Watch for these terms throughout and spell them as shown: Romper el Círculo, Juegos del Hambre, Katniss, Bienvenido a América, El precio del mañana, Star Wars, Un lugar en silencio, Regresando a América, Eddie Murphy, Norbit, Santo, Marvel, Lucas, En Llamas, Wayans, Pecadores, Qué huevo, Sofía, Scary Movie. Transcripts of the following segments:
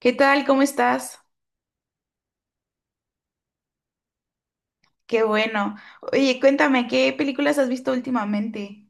¿Qué tal? ¿Cómo estás? Qué bueno. Oye, cuéntame, ¿qué películas has visto últimamente?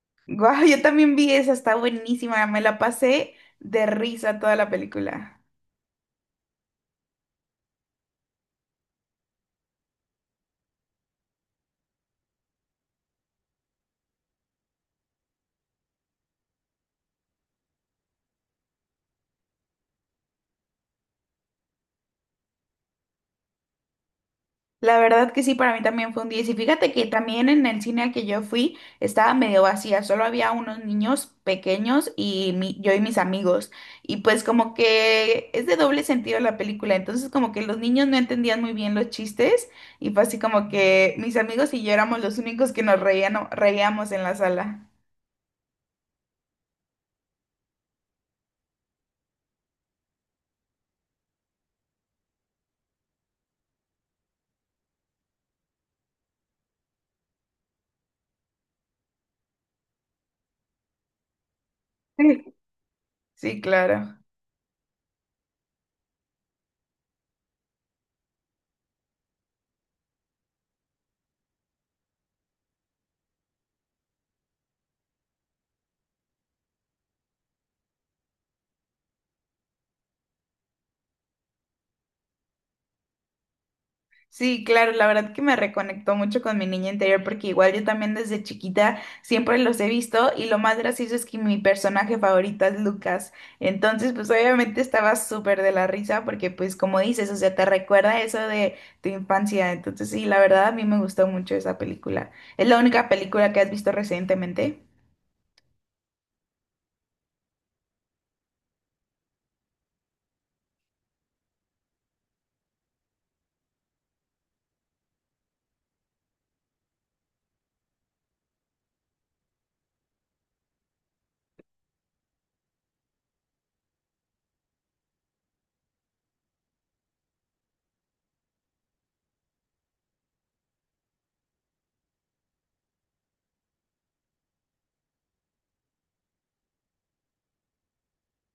Guau, yo también vi esa, está buenísima, me la pasé de risa toda la película. La verdad que sí, para mí también fue un 10. Y si fíjate que también en el cine al que yo fui estaba medio vacía, solo había unos niños pequeños y yo y mis amigos. Y pues como que es de doble sentido la película, entonces como que los niños no entendían muy bien los chistes y fue así como que mis amigos y yo éramos los únicos que reíamos en la sala. Sí, claro. Sí, claro, la verdad que me reconectó mucho con mi niña interior porque igual yo también desde chiquita siempre los he visto y lo más gracioso es que mi personaje favorito es Lucas. Entonces, pues obviamente estaba súper de la risa porque pues como dices, o sea, te recuerda eso de tu infancia. Entonces, sí, la verdad a mí me gustó mucho esa película. ¿Es la única película que has visto recientemente?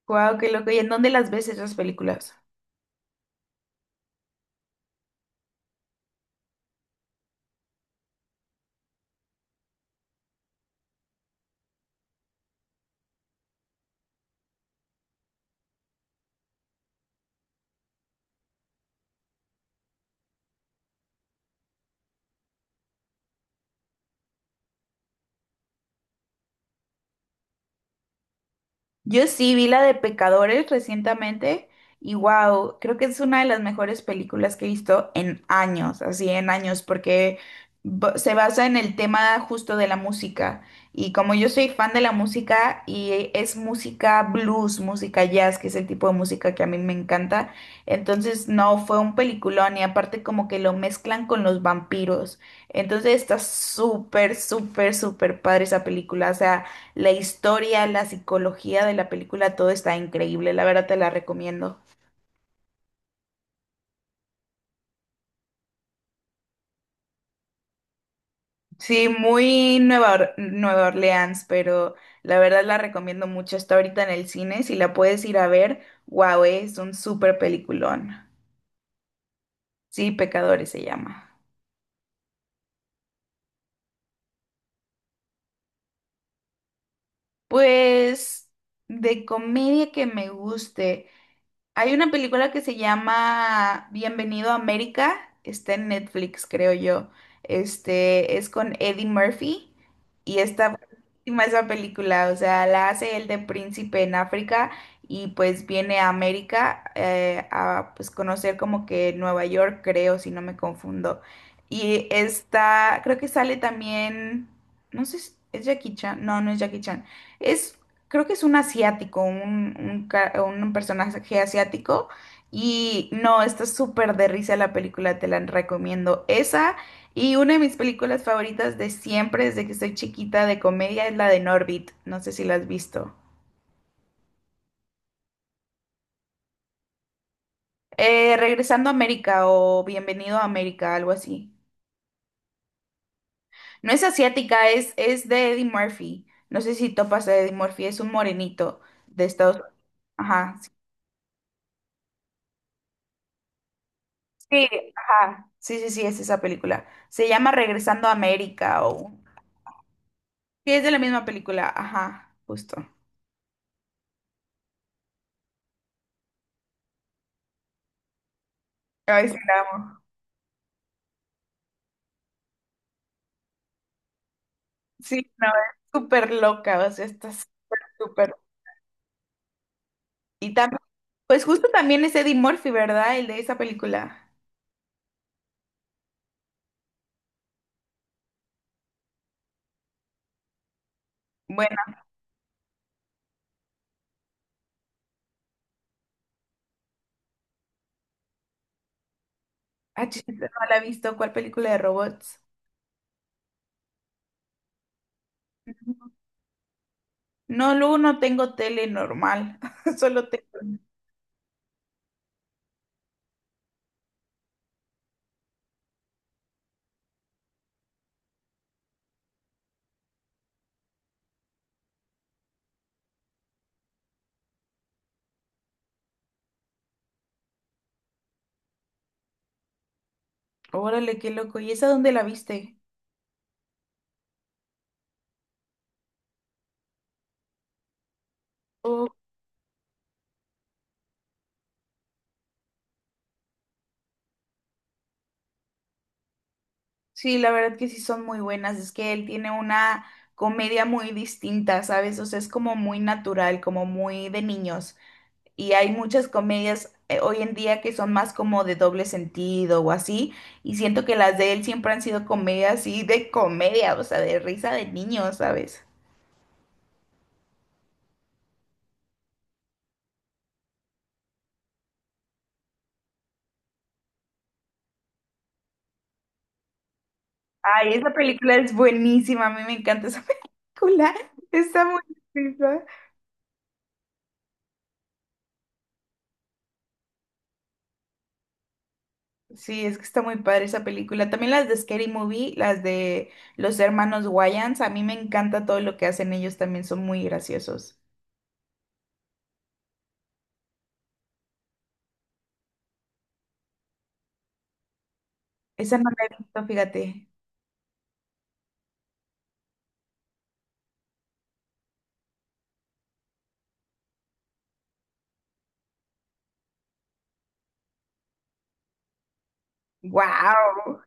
Guau, qué loco. ¿Y en dónde las ves esas películas? Yo sí vi la de Pecadores recientemente y wow, creo que es una de las mejores películas que he visto en años, así en años, porque se basa en el tema justo de la música. Y como yo soy fan de la música y es música blues, música jazz, que es el tipo de música que a mí me encanta, entonces no, fue un peliculón y aparte como que lo mezclan con los vampiros. Entonces está súper, súper, súper padre esa película, o sea... La historia, la psicología de la película, todo está increíble, la verdad te la recomiendo. Sí, muy Nueva Orleans, pero la verdad la recomiendo mucho. Está ahorita en el cine, si la puedes ir a ver, wow, es un súper peliculón. Sí, Pecadores se llama. Pues de comedia que me guste. Hay una película que se llama Bienvenido a América, está en Netflix, creo yo. Este es con Eddie Murphy y está buenísima esa película, o sea, la hace él de príncipe en África y pues viene a América a pues conocer como que Nueva York, creo, si no me confundo. Y está, creo que sale también, no sé, ¿es Jackie Chan? No, no es Jackie Chan. Es creo que es un asiático, un personaje asiático. Y no, está súper de risa la película, te la recomiendo. Esa y una de mis películas favoritas de siempre, desde que soy chiquita de comedia, es la de Norbit. No sé si la has visto. Regresando a América o Bienvenido a América, algo así. No es asiática, es de Eddie Murphy. No sé si topas a Eddie Murphy, es un morenito de Estados Unidos. Ajá. Sí, ajá. Sí, sí, sí, es esa película. Se llama Regresando a América o... Sí, es de la misma película, ajá, justo. Ay, sí, la amo. Sí, no, es súper loca, o sea, estás súper... Y también, pues justo también es Eddie Murphy, ¿verdad? El de esa película. Bueno, ah, chis, no la he visto, ¿cuál película de robots? No, luego no tengo tele normal, solo te... Órale, qué loco. ¿Y esa dónde la viste? Sí, la verdad que sí son muy buenas. Es que él tiene una comedia muy distinta, ¿sabes? O sea, es como muy natural, como muy de niños. Y hay muchas comedias hoy en día que son más como de doble sentido o así. Y siento que las de él siempre han sido comedias así de comedia, o sea, de risa de niños, ¿sabes? Ay, esa película es buenísima. A mí me encanta esa película. Está muy chistosa. Sí, es que está muy padre esa película. También las de Scary Movie, las de los hermanos Wayans, a mí me encanta todo lo que hacen ellos, también son muy graciosos. Esa no la he visto, fíjate. Wow,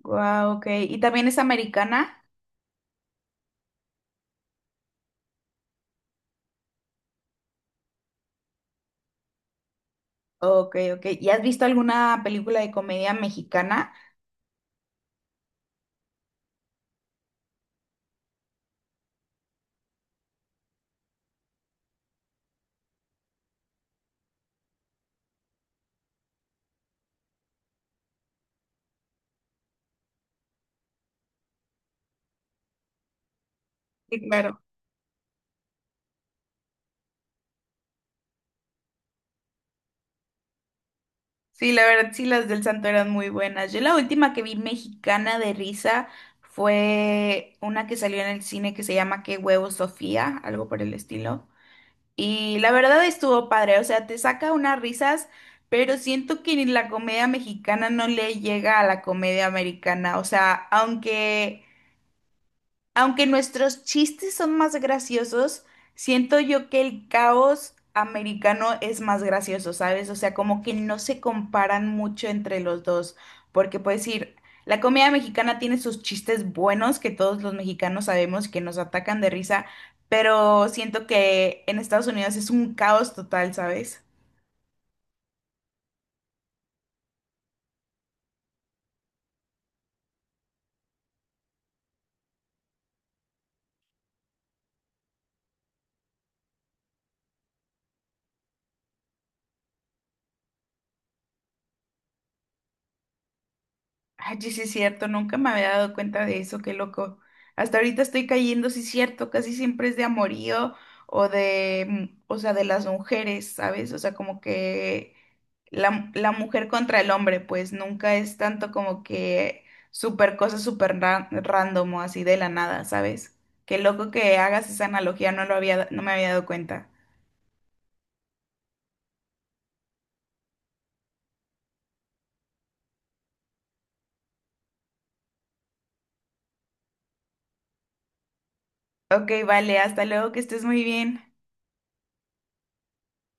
wow, ok. ¿Y también es americana? Ok, ok. ¿Y has visto alguna película de comedia mexicana? Sí, claro. Sí, la verdad, sí, las del Santo eran muy buenas. Yo la última que vi mexicana de risa fue una que salió en el cine que se llama Qué huevo, Sofía, algo por el estilo. Y la verdad estuvo padre, o sea, te saca unas risas, pero siento que ni la comedia mexicana no le llega a la comedia americana, o sea, aunque nuestros chistes son más graciosos, siento yo que el caos americano es más gracioso, ¿sabes? O sea, como que no se comparan mucho entre los dos, porque puedes decir, la comida mexicana tiene sus chistes buenos que todos los mexicanos sabemos que nos atacan de risa, pero siento que en Estados Unidos es un caos total, ¿sabes? Ay, sí sí es cierto, nunca me había dado cuenta de eso, qué loco. Hasta ahorita estoy cayendo, sí es cierto, casi siempre es de amorío o de, mm, o sea, de las mujeres, ¿sabes? O sea, como que la mujer contra el hombre, pues nunca es tanto como que súper cosa súper random o así de la nada, ¿sabes? Qué loco que hagas esa analogía, no me había dado cuenta. Ok, vale, hasta luego, que estés muy bien.